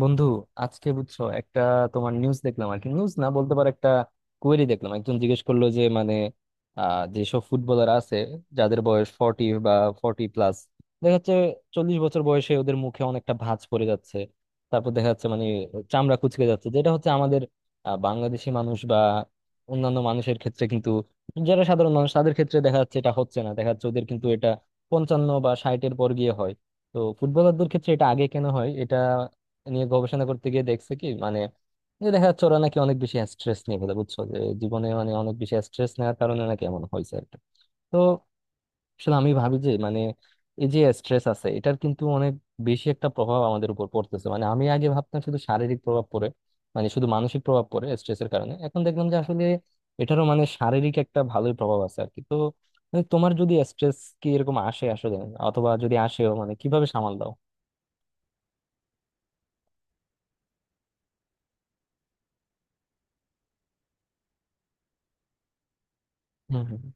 বন্ধু, আজকে বুঝছো একটা তোমার নিউজ দেখলাম। আর কি, নিউজ না বলতে পারো, একটা কোয়েরি দেখলাম। একজন জিজ্ঞেস করলো যে মানে যেসব ফুটবলার আছে, যাদের বয়স 40 বা 40+, দেখা যাচ্ছে 40 বছর বয়সে ওদের মুখে অনেকটা ভাঁজ পড়ে যাচ্ছে। তারপর দেখা যাচ্ছে মানে চামড়া কুচকে যাচ্ছে, যেটা হচ্ছে আমাদের বাংলাদেশি মানুষ বা অন্যান্য মানুষের ক্ষেত্রে, কিন্তু যারা সাধারণ মানুষ তাদের ক্ষেত্রে দেখা যাচ্ছে এটা হচ্ছে না। দেখা যাচ্ছে ওদের কিন্তু এটা 55 বা 60-এর পর গিয়ে হয়। তো ফুটবলারদের ক্ষেত্রে এটা আগে কেন হয়, এটা নিয়ে গবেষণা করতে গিয়ে দেখছে কি মানে, যে দেখা যাচ্ছে ওরা নাকি অনেক বেশি স্ট্রেস নিয়ে ফেলে বুঝছো, যে জীবনে মানে অনেক বেশি স্ট্রেস নেওয়ার কারণে নাকি এমন হয়েছে আর কি। তো আসলে আমি ভাবি যে মানে এই যে স্ট্রেস আছে এটার কিন্তু অনেক বেশি একটা প্রভাব আমাদের উপর পড়তেছে। মানে আমি আগে ভাবতাম শুধু শারীরিক প্রভাব পড়ে, মানে শুধু মানসিক প্রভাব পড়ে স্ট্রেসের কারণে, এখন দেখলাম যে আসলে এটারও মানে শারীরিক একটা ভালোই প্রভাব আছে আর কি। তো মানে তোমার যদি স্ট্রেস কি এরকম আসে আসলে, অথবা যদি আসেও, মানে কিভাবে সামাল দাও? হুম,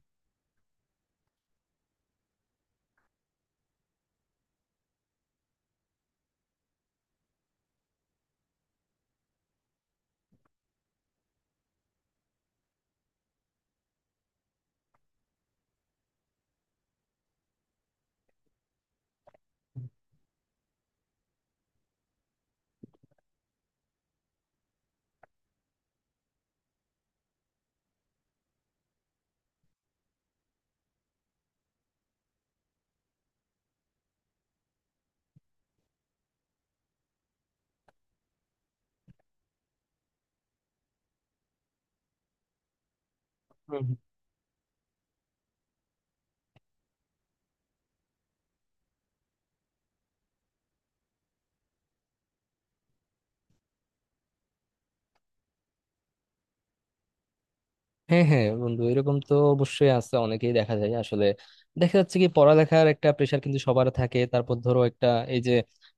হুম। হ্যাঁ, হ্যাঁ, বন্ধু, এরকম তো অবশ্যই আছে, অনেকেই দেখা যায় আসলে। দেখা যাচ্ছে কি পড়ালেখার একটা প্রেশার কিন্তু সবার থাকে। তারপর ধরো একটা এই যে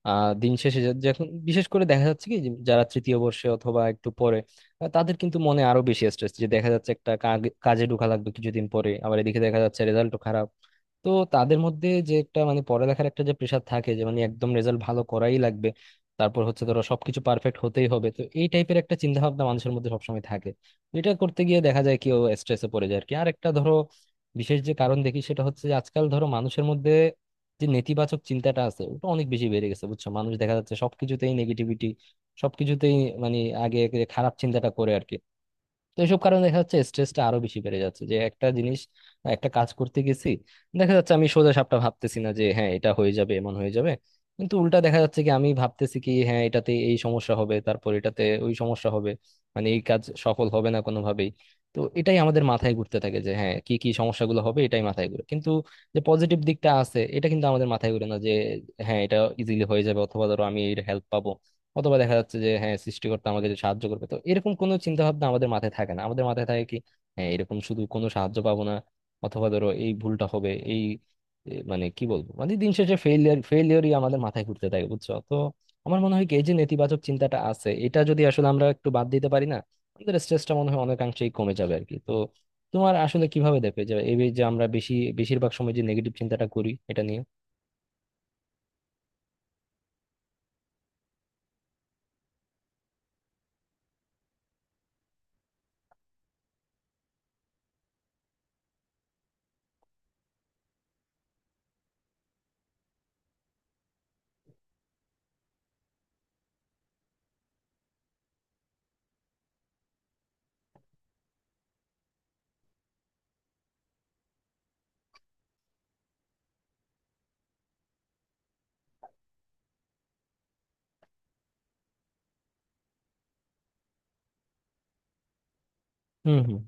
দিন শেষে যখন বিশেষ করে দেখা যাচ্ছে কি যে যারা তৃতীয় বর্ষে অথবা একটু পরে, তাদের কিন্তু মনে আরো বেশি স্ট্রেস যে দেখা যাচ্ছে, একটা কাজে ঢোকা লাগবে কিছুদিন পরে, আবার এদিকে দেখা যাচ্ছে রেজাল্টও খারাপ। তো তাদের মধ্যে যে একটা মানে পড়ালেখার একটা যে প্রেশার থাকে, যে মানে একদম রেজাল্ট ভালো করাই লাগবে, তারপর হচ্ছে ধরো সবকিছু পারফেক্ট হতেই হবে, তো এই টাইপের একটা চিন্তা ভাবনা মানুষের মধ্যে সবসময় থাকে। এটা করতে গিয়ে দেখা যায় কেউ স্ট্রেসে পড়ে যায় আর কি। আর একটা ধরো বিশেষ যে কারণ দেখি সেটা হচ্ছে যে আজকাল ধরো মানুষের মধ্যে যে নেতিবাচক চিন্তাটা আছে, ওটা অনেক বেশি বেড়ে গেছে বুঝছো। মানুষ দেখা যাচ্ছে সবকিছুতেই নেগেটিভিটি, সবকিছুতেই মানে আগে আগে খারাপ চিন্তাটা করে আর কি। তো এইসব কারণে দেখা যাচ্ছে স্ট্রেসটা আরো বেশি বেড়ে যাচ্ছে, যে একটা জিনিস, একটা কাজ করতে গেছি, দেখা যাচ্ছে আমি সোজা সাপটা ভাবতেছি না যে হ্যাঁ এটা হয়ে যাবে, এমন হয়ে যাবে। কিন্তু উল্টা দেখা যাচ্ছে কি আমি ভাবতেছি কি হ্যাঁ এটাতে এই সমস্যা হবে, তারপর এটাতে ওই সমস্যা হবে, মানে এই কাজ সফল হবে না কোনোভাবেই। তো এটাই আমাদের মাথায় ঘুরতে থাকে যে হ্যাঁ কি কি সমস্যাগুলো হবে, এটাই মাথায় ঘুরে, কিন্তু যে পজিটিভ দিকটা আছে এটা কিন্তু আমাদের মাথায় ঘুরে না, যে হ্যাঁ এটা ইজিলি হয়ে যাবে, অথবা ধরো আমি এর হেল্প পাবো, অথবা দেখা যাচ্ছে যে হ্যাঁ সৃষ্টিকর্তা আমাকে যে সাহায্য করবে, তো এরকম কোনো চিন্তা ভাবনা আমাদের মাথায় থাকে না। আমাদের মাথায় থাকে কি হ্যাঁ এরকম শুধু কোনো সাহায্য পাবো না, অথবা ধরো এই ভুলটা হবে, এই মানে কি বলবো, মানে দিন শেষে ফেলিয়ার ফেলিয়ারই আমাদের মাথায় ঘুরতে থাকে বুঝছো। তো আমার মনে হয় কি এই যে নেতিবাচক চিন্তাটা আছে, এটা যদি আসলে আমরা একটু বাদ দিতে পারি না, আমাদের স্ট্রেসটা মনে হয় অনেকাংশেই কমে যাবে আর কি। তো তোমার আসলে কিভাবে দেখবে যে এই যে আমরা বেশি, বেশিরভাগ সময় যে নেগেটিভ চিন্তাটা করি এটা নিয়ে? হুম, হুম।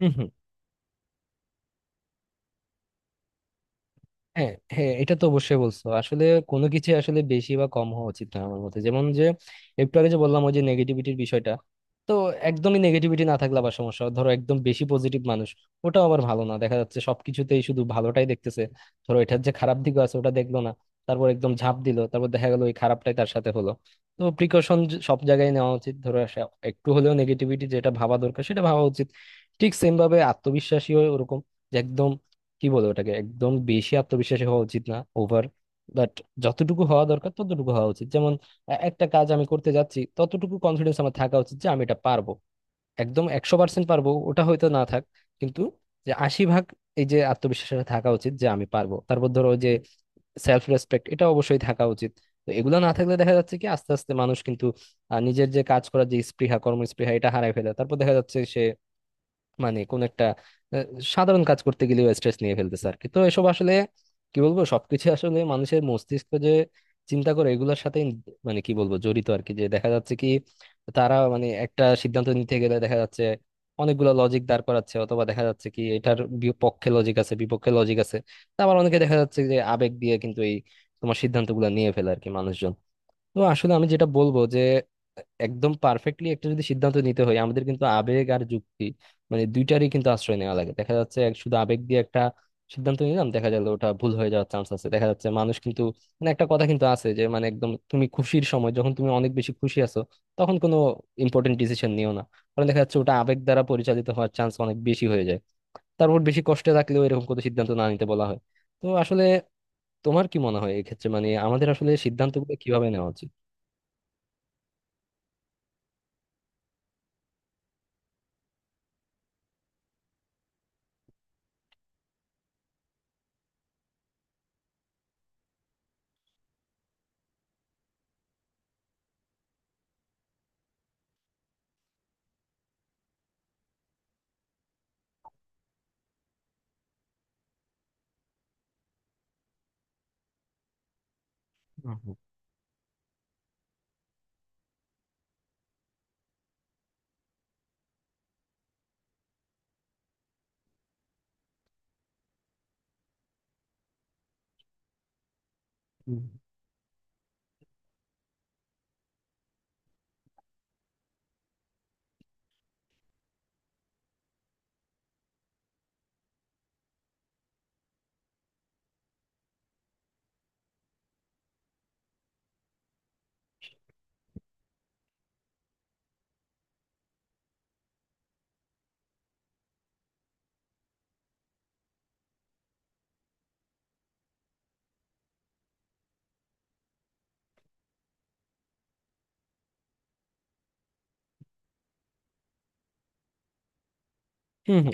হুম, হুম। হ্যাঁ, হ্যাঁ, এটা তো অবশ্যই বলছো আসলে। কোনো কিছু আসলে বেশি বা কম হওয়া উচিত না আমার মতে, যেমন যে একটু আগে যে বললাম ওই যে নেগেটিভিটির বিষয়টা, তো একদমই নেগেটিভিটি না থাকলে আবার সমস্যা। ধরো একদম বেশি পজিটিভ মানুষ, ওটাও আবার ভালো না। দেখা যাচ্ছে সবকিছুতেই শুধু ভালোটাই দেখতেছে, ধরো এটার যে খারাপ দিকও আছে ওটা দেখলো না, তারপর একদম ঝাঁপ দিল, তারপর দেখা গেলো ওই খারাপটাই তার সাথে হলো। তো প্রিকশন সব জায়গায় নেওয়া উচিত, ধরো একটু হলেও নেগেটিভিটি যেটা ভাবা দরকার সেটা ভাবা উচিত। ঠিক সেম ভাবে আত্মবিশ্বাসীও ওরকম, যে একদম কি বলে ওটাকে, একদম বেশি আত্মবিশ্বাসী হওয়া উচিত না, ওভার, বাট যতটুকু হওয়া দরকার ততটুকু হওয়া উচিত। যেমন একটা কাজ আমি করতে যাচ্ছি, ততটুকু কনফিডেন্স আমার থাকা উচিত যে আমি এটা পারবো। একদম 100% পারবো ওটা হয়তো না থাক, কিন্তু যে 80 ভাগ, এই যে আত্মবিশ্বাসটা থাকা উচিত যে আমি পারবো। তারপর ধরো ওই যে সেলফ রেসপেক্ট, এটা অবশ্যই থাকা উচিত। তো এগুলো না থাকলে দেখা যাচ্ছে কি আস্তে আস্তে মানুষ কিন্তু নিজের যে কাজ করার যে স্পৃহা, কর্মস্পৃহা এটা হারায় ফেলে। তারপর দেখা যাচ্ছে সে মানে কোন একটা আহ, সাধারণ কাজ করতে গেলেও স্ট্রেস নিয়ে ফেলতেছে আর কি। তো এসব আসলে কি বলবো, সবকিছু আসলে মানুষের মস্তিষ্ক যে চিন্তা করে এগুলোর সাথে মানে কি বলবো জড়িত আর কি। যে দেখা যাচ্ছে কি তারা মানে একটা সিদ্ধান্ত নিতে গেলে দেখা যাচ্ছে অনেকগুলো লজিক দাঁড় করাচ্ছে, অথবা দেখা যাচ্ছে কি এটার বিপক্ষে লজিক আছে, বিপক্ষে লজিক আছে। তা আবার অনেকে দেখা যাচ্ছে যে আবেগ দিয়ে কিন্তু এই তোমার সিদ্ধান্তগুলো নিয়ে ফেলে আর কি মানুষজন। তো আসলে আমি যেটা বলবো যে একদম পারফেক্টলি একটা যদি সিদ্ধান্ত নিতে হয়, আমাদের কিন্তু আবেগ আর যুক্তি মানে দুইটারই কিন্তু আশ্রয় নেওয়া লাগে। দেখা যাচ্ছে শুধু আবেগ দিয়ে একটা সিদ্ধান্ত নিলাম, দেখা গেল ওটা ভুল হয়ে যাওয়ার চান্স আছে। দেখা যাচ্ছে মানুষ কিন্তু, মানে একটা কথা কিন্তু আছে যে মানে একদম তুমি খুশির সময় যখন তুমি অনেক বেশি খুশি আছো তখন কোনো ইম্পর্টেন্ট ডিসিশন নিও না, কারণ দেখা যাচ্ছে ওটা আবেগ দ্বারা পরিচালিত হওয়ার চান্স অনেক বেশি হয়ে যায়। তারপর বেশি কষ্টে থাকলেও এরকম কোনো সিদ্ধান্ত না নিতে বলা হয়। তো আসলে তোমার কি মনে হয় এক্ষেত্রে, মানে আমাদের আসলে সিদ্ধান্তগুলো কিভাবে নেওয়া উচিত? হুম, হুম।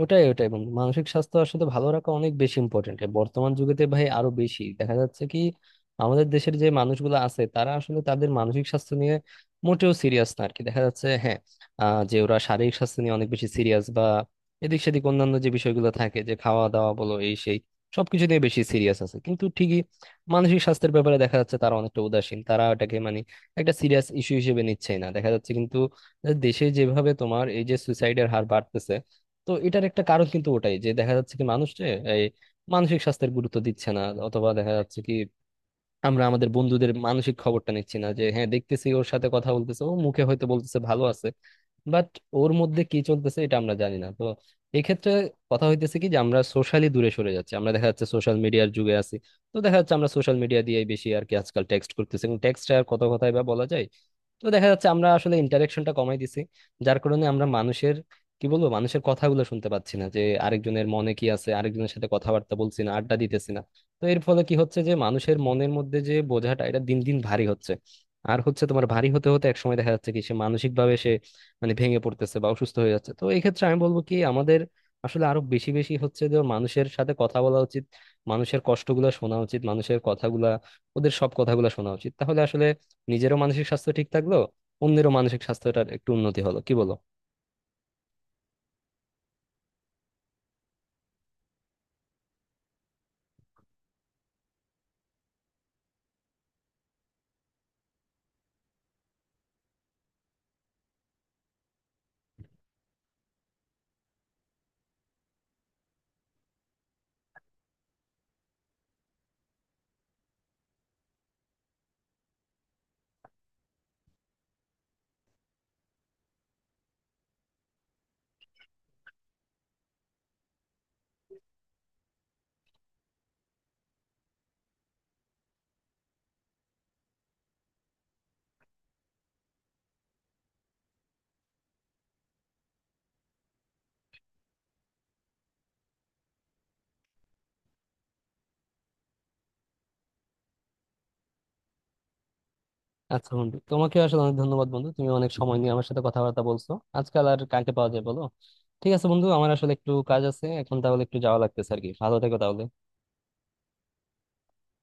ওটাই, ওটাই বন্ধু, মানসিক স্বাস্থ্য আসলে ভালো রাখা অনেক বেশি ইম্পর্টেন্ট বর্তমান যুগেতে ভাই। আরো বেশি দেখা যাচ্ছে কি আমাদের দেশের যে মানুষগুলো আছে তারা আসলে তাদের মানসিক স্বাস্থ্য নিয়ে মোটেও সিরিয়াস না আর কি। দেখা যাচ্ছে হ্যাঁ যে ওরা শারীরিক স্বাস্থ্য নিয়ে অনেক বেশি সিরিয়াস বা এদিক সেদিক অন্যান্য যে বিষয়গুলো থাকে, যে খাওয়া দাওয়া বলো, এই সেই সবকিছু নিয়ে বেশি সিরিয়াস আছে, কিন্তু ঠিকই মানসিক স্বাস্থ্যের ব্যাপারে দেখা যাচ্ছে তারা অনেকটা উদাসীন। তারা এটাকে মানে একটা সিরিয়াস ইস্যু হিসেবে নিচ্ছেই না, দেখা যাচ্ছে কিন্তু দেশে যেভাবে তোমার এই যে সুইসাইডের হার বাড়তেছে। তো এটার একটা কারণ কিন্তু ওটাই, যে দেখা যাচ্ছে কি মানুষ যে এই মানসিক স্বাস্থ্যের গুরুত্ব দিচ্ছে না, অথবা দেখা যাচ্ছে কি আমরা আমাদের বন্ধুদের মানসিক খবরটা নিচ্ছি না। যে হ্যাঁ দেখতেছি ওর সাথে কথা বলতেছে, ও মুখে হয়তো বলতেছে ভালো আছে, বাট ওর মধ্যে কি চলতেছে এটা আমরা জানি না। তো এক্ষেত্রে কথা হইতেছে কি যে আমরা সোশ্যালি দূরে সরে যাচ্ছি। আমরা দেখা যাচ্ছে সোশ্যাল মিডিয়ার যুগে আছি, তো দেখা যাচ্ছে আমরা সোশ্যাল মিডিয়া দিয়ে বেশি আর কি আজকাল টেক্সট করতেছি, এবং টেক্সটে আর কত কথাই বা বলা যায়। তো দেখা যাচ্ছে আমরা আসলে ইন্টারাকশনটা কমাই দিছি, যার কারণে আমরা মানুষের কি বলবো মানুষের কথাগুলো শুনতে পাচ্ছি না, যে আরেকজনের মনে কি আছে, আরেকজনের সাথে কথাবার্তা বলছি না, আড্ডা দিতেছি না। তো এর ফলে কি হচ্ছে যে মানুষের মনের মধ্যে যে বোঝাটা এটা দিন দিন ভারী হচ্ছে, আর হচ্ছে তোমার ভারী হতে হতে একসময় দেখা যাচ্ছে কি সে মানসিক ভাবে সে মানে ভেঙে পড়তেছে বা অসুস্থ হয়ে যাচ্ছে। তো এই ক্ষেত্রে আমি বলবো কি আমাদের আসলে আরো বেশি বেশি হচ্ছে যে মানুষের সাথে কথা বলা উচিত। মানুষের কষ্টগুলা শোনা উচিত, মানুষের কথাগুলা, ওদের সব কথাগুলা শোনা উচিত, তাহলে আসলে নিজেরও মানসিক স্বাস্থ্য ঠিক থাকলো, অন্যেরও মানসিক স্বাস্থ্যটার একটু উন্নতি হলো, কি বলো? আচ্ছা বন্ধু, তোমাকে আসলে অনেক ধন্যবাদ বন্ধু, তুমি অনেক সময় নিয়ে আমার সাথে কথাবার্তা বলছো। আজকাল আর কাকে পাওয়া যায় বলো। ঠিক আছে বন্ধু, আমার আসলে একটু কাজ আছে এখন, তাহলে একটু যাওয়া লাগতেছে আর কি। ভালো থেকো তাহলে।